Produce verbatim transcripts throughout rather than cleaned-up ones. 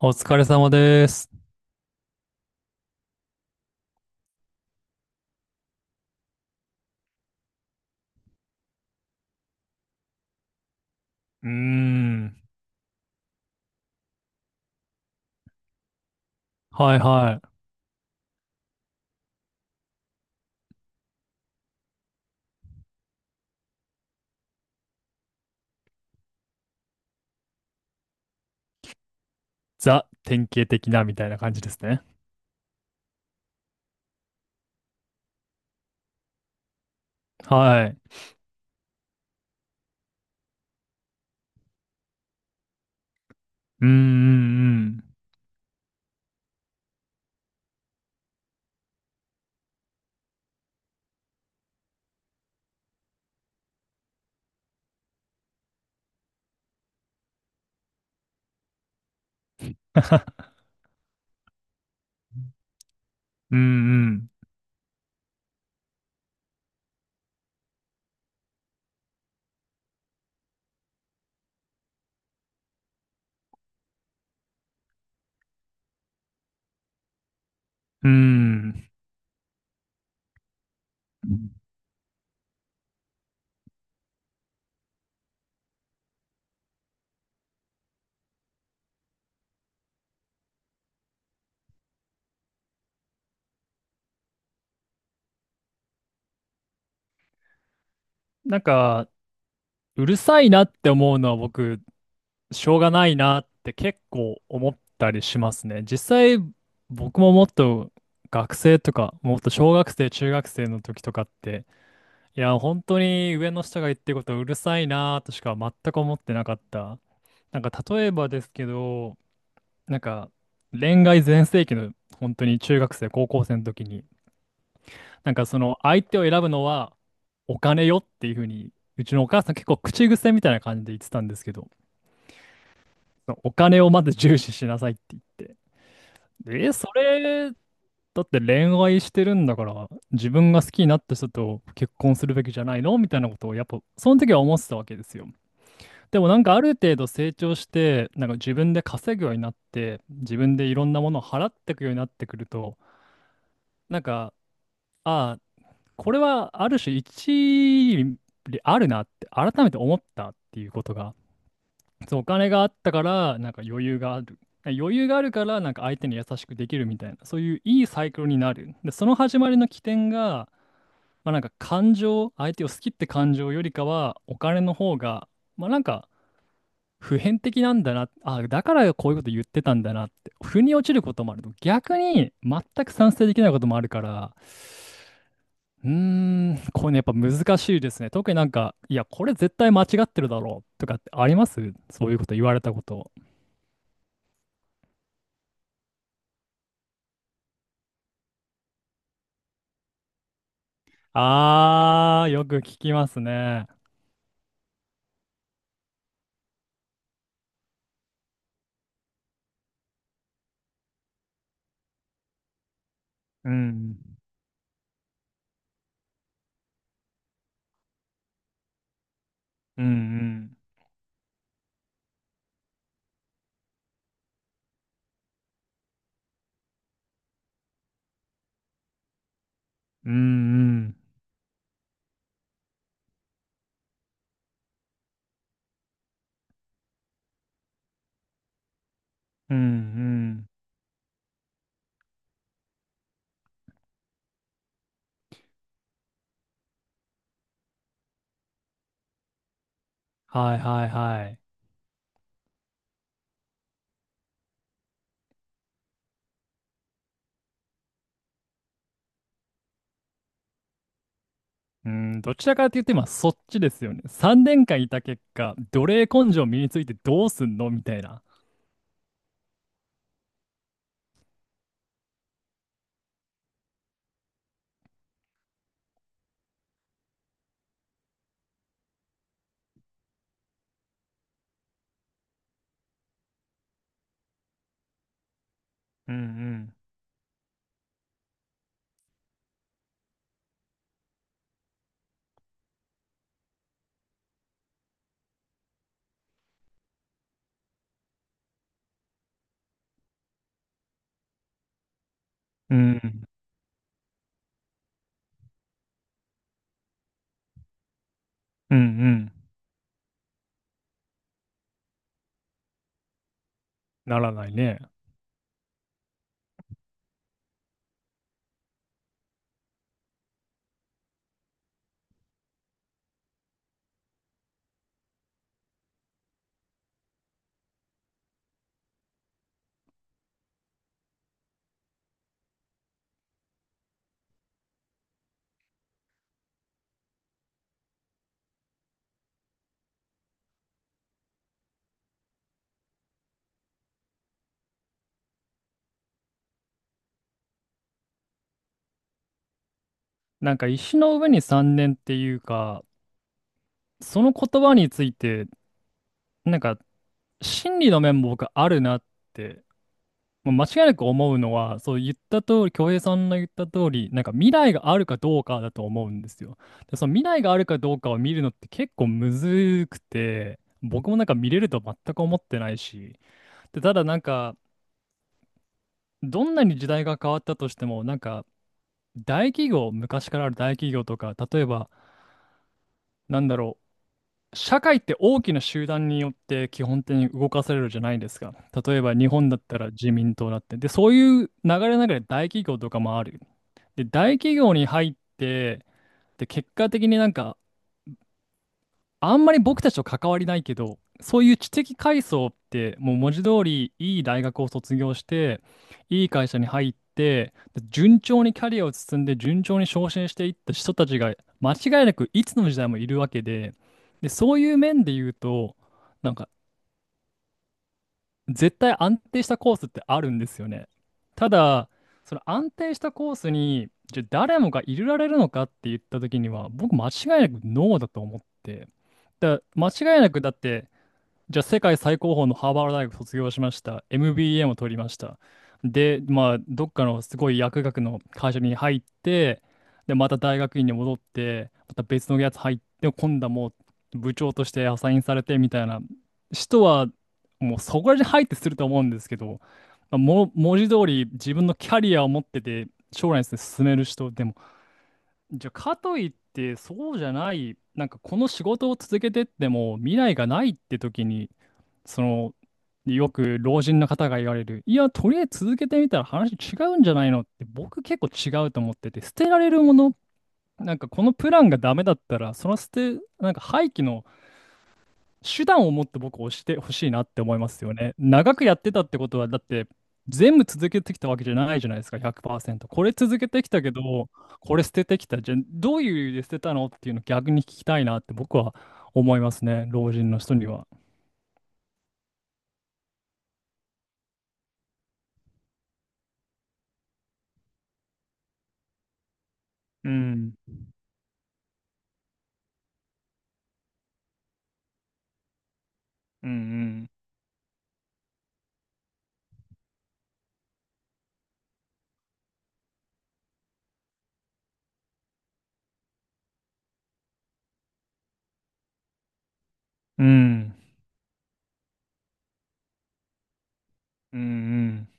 お疲れ様です。うーん。はいはい。ザ、典型的なみたいな感じですね。はい。うーんうんうん。うんうん。うん。なんか、うるさいなって思うのは僕、しょうがないなって結構思ったりしますね。実際、僕ももっと学生とか、もっと小学生、中学生の時とかって、いや、本当に上の人が言ってることうるさいなとしか全く思ってなかった。なんか例えばですけど、なんか恋愛全盛期の本当に中学生、高校生の時に、なんかその相手を選ぶのはお金よっていうふうに、うちのお母さん結構口癖みたいな感じで言ってたんですけど、そのお金をまず重視しなさいって言って。でえ、それ、だって恋愛してるんだから、自分が好きになった人と結婚するべきじゃないのみたいなことをやっぱその時は思ってたわけですよ。でもなんかある程度成長して、なんか自分で稼ぐようになって、自分でいろんなものを払っていくようになってくると、なんか、ああ、これはある種一理あるなって改めて思ったっていうことが、そう、お金があったから、なんか余裕がある。余裕があるから、なんか相手に優しくできるみたいな、そういういいサイクルになる。で、その始まりの起点が、まあなんか感情、相手を好きって感情よりかは、お金の方が、まあなんか、普遍的なんだな、あ、だからこういうこと言ってたんだなって、腑に落ちることもあると、逆に全く賛成できないこともあるから、うーん、これね、やっぱ難しいですね。特になんか、いや、これ絶対間違ってるだろうとかってありますそういうこと言われたこと。あー、よく聞きますね。うん。うんうん。うんうん。うんうん。はいはいはい。うん、どちらかというと今そっちですよね。さんねんかんいた結果、奴隷根性身についてどうすんのみたいな。うんうん。うんうん。うんうん。ならないね。なんか石の上にさんねんっていうか、その言葉について、なんか、真理の面も僕あるなって、もう間違いなく思うのは、そう言った通り、恭平さんの言った通り、なんか未来があるかどうかだと思うんですよ。で、その未来があるかどうかを見るのって結構むずくて、僕もなんか見れると全く思ってないし、で、ただなんか、どんなに時代が変わったとしても、なんか、大企業、昔からある大企業とか、例えば、なんだろう、社会って大きな集団によって基本的に動かされるじゃないですか。例えば日本だったら自民党だって。で、そういう流れの中で大企業とかもある。で、大企業に入って、で、結果的になんかあんまり僕たちと関わりないけど、そういう知的階層って、もう文字通りいい大学を卒業して、いい会社に入って、で順調にキャリアを進んで、順調に昇進していった人たちが、間違いなくいつの時代もいるわけで、で、そういう面で言うと、なんか絶対安定したコースってあるんですよね。ただ、その安定したコースに、じゃあ誰もが入れられるのかって言った時には、僕間違いなくノーだと思って。だ間違いなくだって、じゃあ、世界最高峰のハーバード大学卒業しました。エムビーエー も取りました。で、まあ、どっかのすごい薬学の会社に入って、で、また大学院に戻って、また別のやつ入って、今度はもう部長としてアサインされてみたいな人は、もうそこら辺入ってすると思うんですけど、まあ、も、文字通り自分のキャリアを持ってて、将来に進める人、でも、じゃあ、かといって、そうじゃない、なんかこの仕事を続けてっても未来がないって時に、その、よく老人の方が言われる、いや、とりあえず続けてみたら話違うんじゃないのって、僕結構違うと思ってて、捨てられるもの、なんかこのプランがダメだったら、その捨て、なんか廃棄の手段をもっと僕押してほしいなって思いますよね。長くやってたってことは、だって、全部続けてきたわけじゃないじゃないですか、ひゃくパーセント。これ続けてきたけど、これ捨ててきた。じゃあ、どういう理由で捨てたのっていうの逆に聞きたいなって僕は思いますね、老人の人には。うん。うんうんうん。うんうん。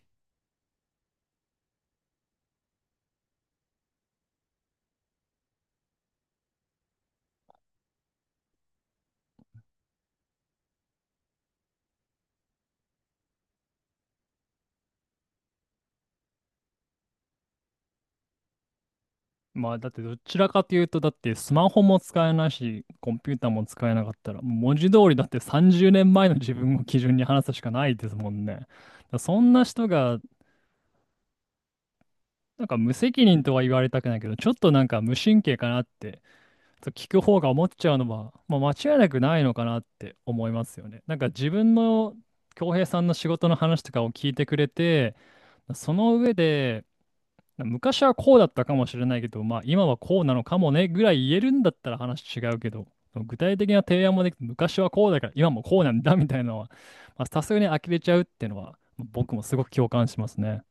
まあ、だってどちらかというと、だってスマホも使えないし、コンピューターも使えなかったら、文字通りだってさんじゅうねんまえの自分を基準に話すしかないですもんね。だからそんな人が、なんか無責任とは言われたくないけど、ちょっとなんか無神経かなって、そう聞く方が思っちゃうのは、まあ、間違いなくないのかなって思いますよね。なんか自分の、恭平さんの仕事の話とかを聞いてくれて、その上で、昔はこうだったかもしれないけど、まあ今はこうなのかもねぐらい言えるんだったら話違うけど、その具体的な提案もできて、昔はこうだから今もこうなんだみたいなのは、まあさすがに呆れちゃうっていうのは、僕もすごく共感しますね。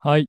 はい。